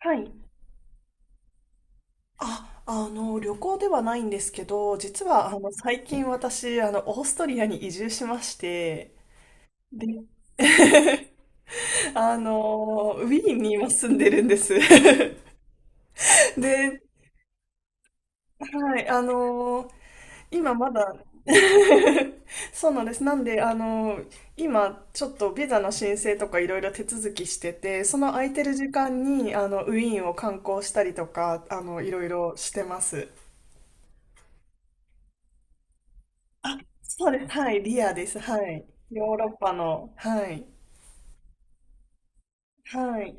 はい。あ、旅行ではないんですけど、実は、最近私、オーストリアに移住しまして、で、ウィーンに今住んでるんです。で、はい、今まだ、そうなんです。なんで、今、ちょっとビザの申請とかいろいろ手続きしてて、その空いてる時間に、ウィーンを観光したりとか、いろいろしてます。そうです。はい。リアです。はい。ヨーロッパの。はい。はい。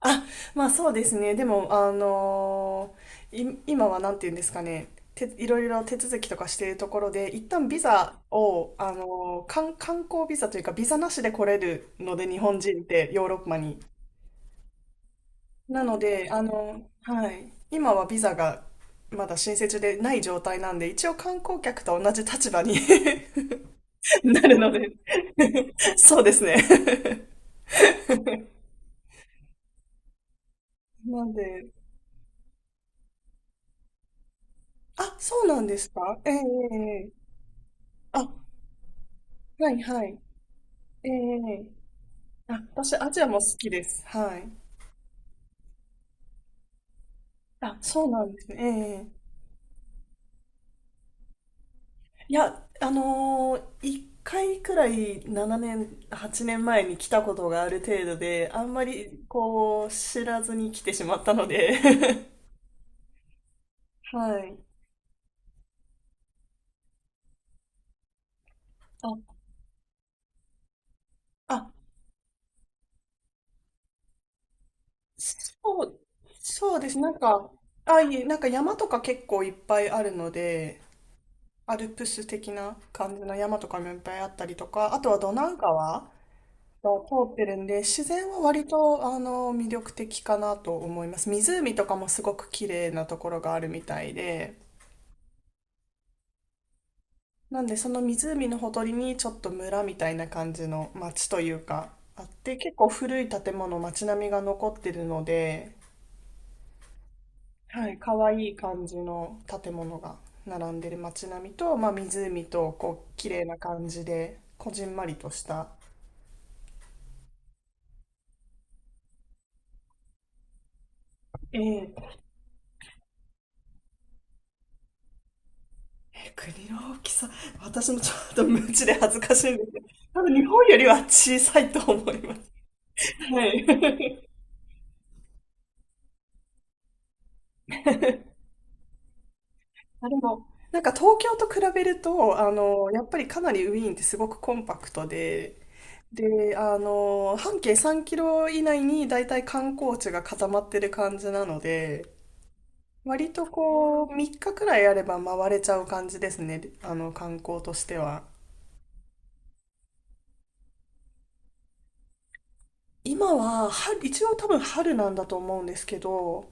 あ、まあそうですね。でも、あのーい、今はなんて言うんですかね。て、いろいろ手続きとかしているところで、一旦ビザを、観光ビザというか、ビザなしで来れるので、日本人ってヨーロッパに。なので、はい。今はビザがまだ申請中でない状態なんで、一応観光客と同じ立場に なるので そうですね。なんで、あ、そうなんですか、ええええええ、あ、はいはい。ええええ、あ、私アジアも好きです。はい。あ、そうなんですね。ええ、いや、一回くらい7年、8年前に来たことがある程度で、あんまりこう、知らずに来てしまったので はい。あ、あ、そう、そうです。なんか、あ、いえ、なんか山とか結構いっぱいあるので、アルプス的な感じの山とかもいっぱいあったりとか、あとはドナウ川が通ってるんで、自然は割と魅力的かなと思います。湖とかもすごく綺麗なところがあるみたいで、なんでその湖のほとりにちょっと村みたいな感じの町というかあって、結構古い建物、町並みが残ってるので、はい、可愛い感じの建物が並んでる街並みと、まあ、湖とこう綺麗な感じでこじんまりとした、ええ、国の大きさ、私もちょっと無知で恥ずかしいんですけど、多分日本よりは小さいと思います。はい。あ、でも、なんか東京と比べると、やっぱりかなりウィーンってすごくコンパクトで、で、半径3キロ以内に大体観光地が固まってる感じなので、割とこう、3日くらいあれば回れちゃう感じですね、観光としては。今は、春、一応多分春なんだと思うんですけど、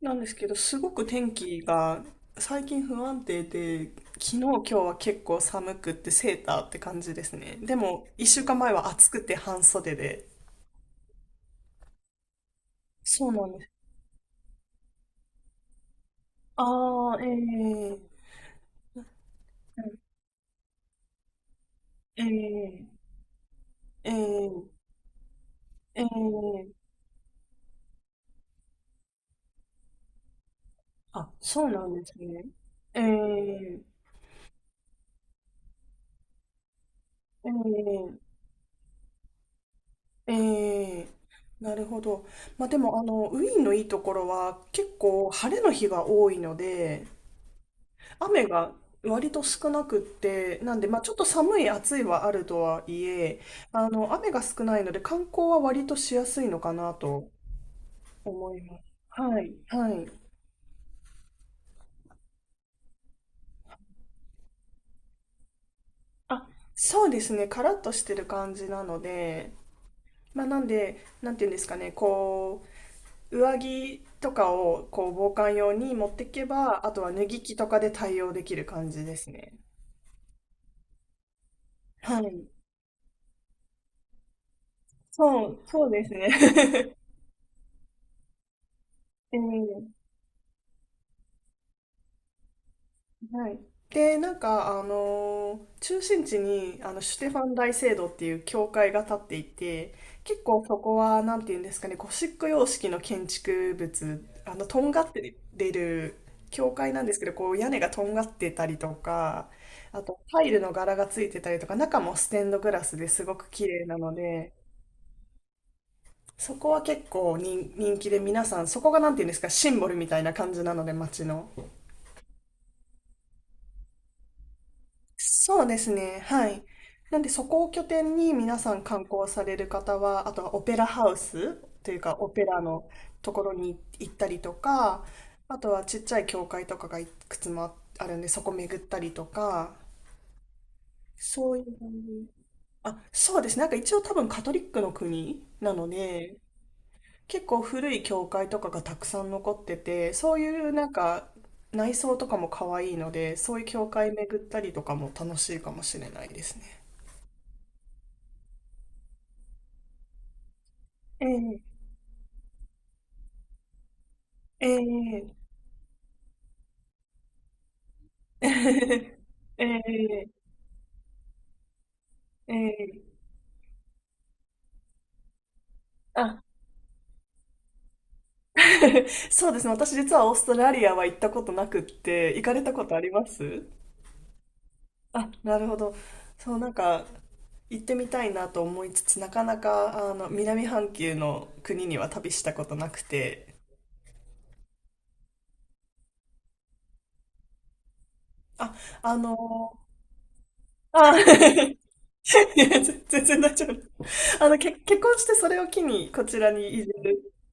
すごく天気が最近不安定で、昨日今日は結構寒くってセーターって感じですね。でも、一週間前は暑くて半袖で。そうなんです。ああ、ええええええええ、あ、そうなんですね。ええええええ、なるほど。まあ、でも、ウィーンのいいところは結構晴れの日が多いので、雨が割と少なくって、なんで、まあ、ちょっと寒い、暑いはあるとはいえ、雨が少ないので、観光は割としやすいのかなと思います。はい、はい。あ、そうですね、カラッとしてる感じなので、まあ、なんで、なんていうんですかね、こう、上着とかを、こう、防寒用に持っていけば、あとは脱ぎ着とかで対応できる感じですね。はい。そうですね。ええ、はい。で、なんか、中心地に、シュテファン大聖堂っていう教会が立っていて、結構そこは、なんていうんですかね、ゴシック様式の建築物、とんがってる教会なんですけど、こう、屋根がとんがってたりとか、あと、タイルの柄がついてたりとか、中もステンドグラスですごく綺麗なので、そこは結構人気で皆さん、そこがなんていうんですか、シンボルみたいな感じなので、街の。そうですね。はい。なんで、そこを拠点に皆さん観光される方は、あとはオペラハウスというか、オペラのところに行ったりとか、あとはちっちゃい教会とかがいくつもあるんで、そこ巡ったりとか、そういう感じ。あ、そうですね。なんか一応多分カトリックの国なので、結構古い教会とかがたくさん残ってて、そういうなんか内装とかも可愛いので、そういう教会巡ったりとかも楽しいかもしれないですね。ええ、ええ、ええ、ええ、ええ、あ、そうですね。私実はオーストラリアは行ったことなくって、行かれたことありますあ、なるほど。そう、なんか、行ってみたいなと思いつつ、なかなか、南半球の国には旅したことなくて、あ、あの、あ、いや、全然大丈夫。結婚してそれを機にこちらに移住、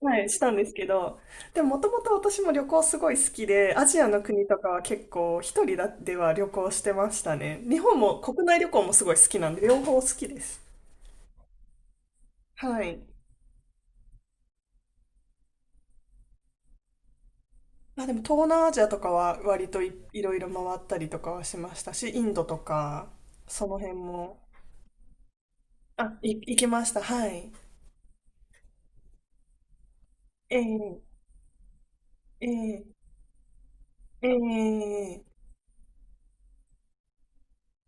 はい、したんですけど、でももともと私も旅行すごい好きで、アジアの国とかは結構一人だでは旅行してましたね。日本も国内旅行もすごい好きなんで、両方好きです。はい。あ、でも東南アジアとかは割といろいろ回ったりとかはしましたし、インドとか、その辺も、あ、行きました。はい。ええええええ、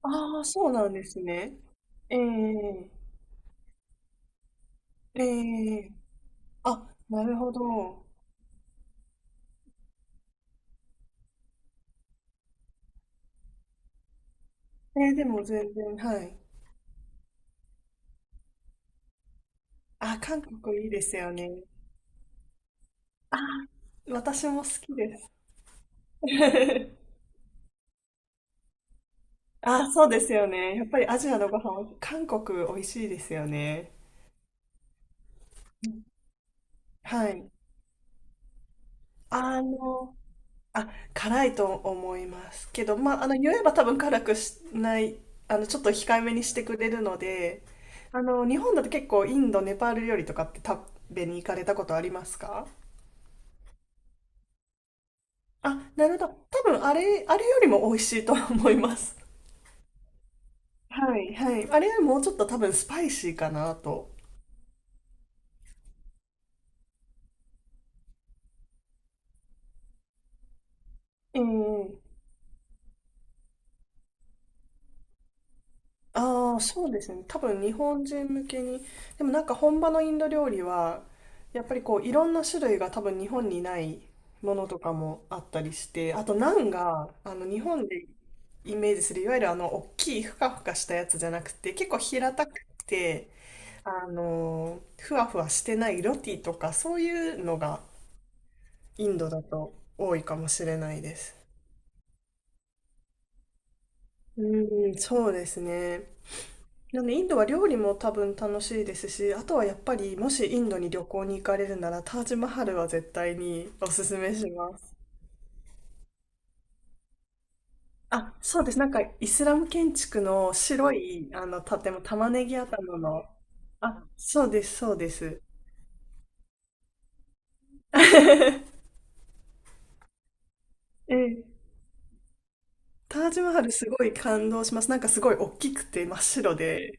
ああ、そうなんですね。ええええ、あ、なるほど。ええ、でも全然、はい。あ、韓国いいですよね。あー、私も好きです。あ、そうですよね。やっぱりアジアのご飯は、韓国美味しいですよね。はい。あの、あ、辛いと思いますけど、まあ、言えば多分辛くしない、ちょっと控えめにしてくれるので、日本だと結構インド、ネパール料理とかって食べに行かれたことありますか？あ、なるほど。多分あれよりも美味しいと思います。はい、はい。あれよりもうちょっと多分スパイシーかなと。ええ、ああ、そうですね。多分日本人向けに。でもなんか本場のインド料理は、やっぱりこういろんな種類が多分日本にないものとかもあったりして、あとナンが、日本でイメージする、いわゆる大きいふかふかしたやつじゃなくて、結構平たくて、ふわふわしてないロティとかそういうのがインドだと多いかもしれないです。うん、そうですね。でもね、インドは料理も多分楽しいですし、あとはやっぱりもしインドに旅行に行かれるならタージマハルは絶対におすすめします。あ、そうです。なんかイスラム建築の白いあの建物、玉ねぎ頭の。あ、そうです、そうです。ええ。タージマハルすごい感動します。なんかすごい大きくて真っ白で。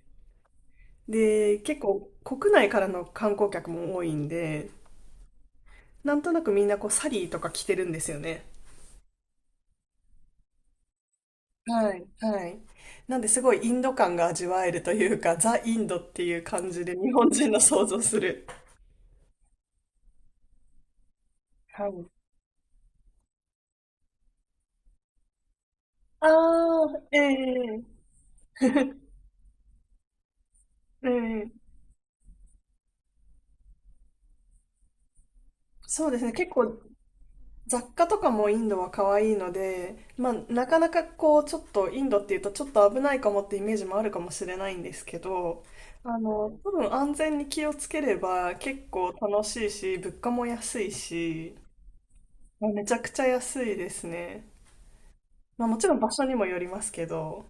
で、結構国内からの観光客も多いんで、なんとなくみんなこうサリーとか着てるんですよね。はい、はい。なんで、すごいインド感が味わえるというか、ザ・インドっていう感じで日本人の想像する。はい。ああ、ええええ、そうですね。結構雑貨とかもインドは可愛いので、まあ、なかなかこう、ちょっとインドっていうとちょっと危ないかもってイメージもあるかもしれないんですけど、多分安全に気をつければ結構楽しいし、物価も安いし、まあめちゃくちゃ安いですね。まあ、もちろん場所にもよりますけど、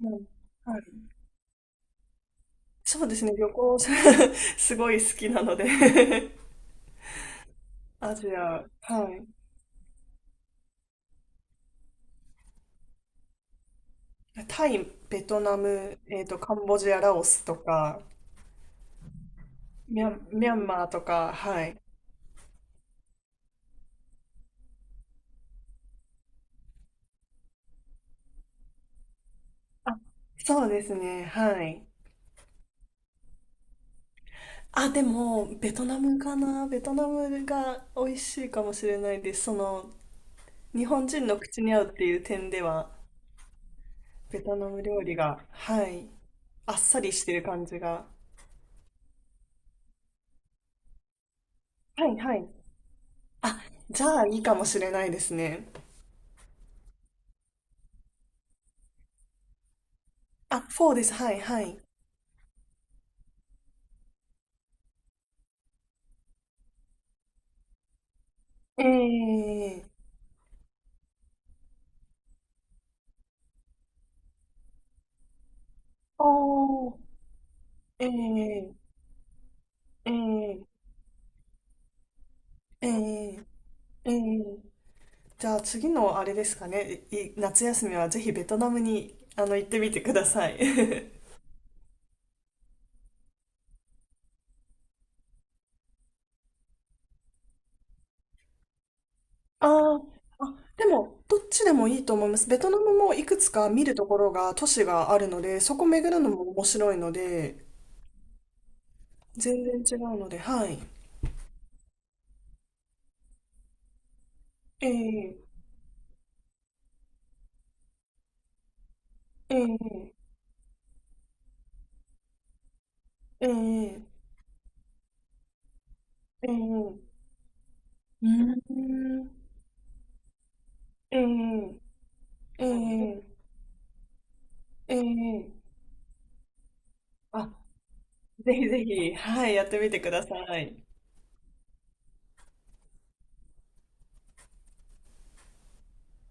もう、はい。そうですね、旅行 すごい好きなので アジア、はい。タイ、ベトナム、カンボジア、ラオスとか、ミャンマーとか、はい。あ、そうですね、はい。あ、でも、ベトナムかな。ベトナムが美味しいかもしれないです。その、日本人の口に合うっていう点では、ベトナム料理が、はい。あっさりしてる感じが。はい、はい。あ、じゃあいいかもしれないですね。あ、4です。はい、はい。ええ、おー、ええええええええ、じゃあ次のあれですかね。いい夏休みはぜひベトナムに、行ってみてください。あー、あ、でも、どっちでもいいと思います。ベトナムもいくつか見るところが、都市があるので、そこ巡るのも面白いので、全然違うので、はい。ええええええええ、うーん。ええええええ、あ、ぜひぜひ、はい、やってみてください。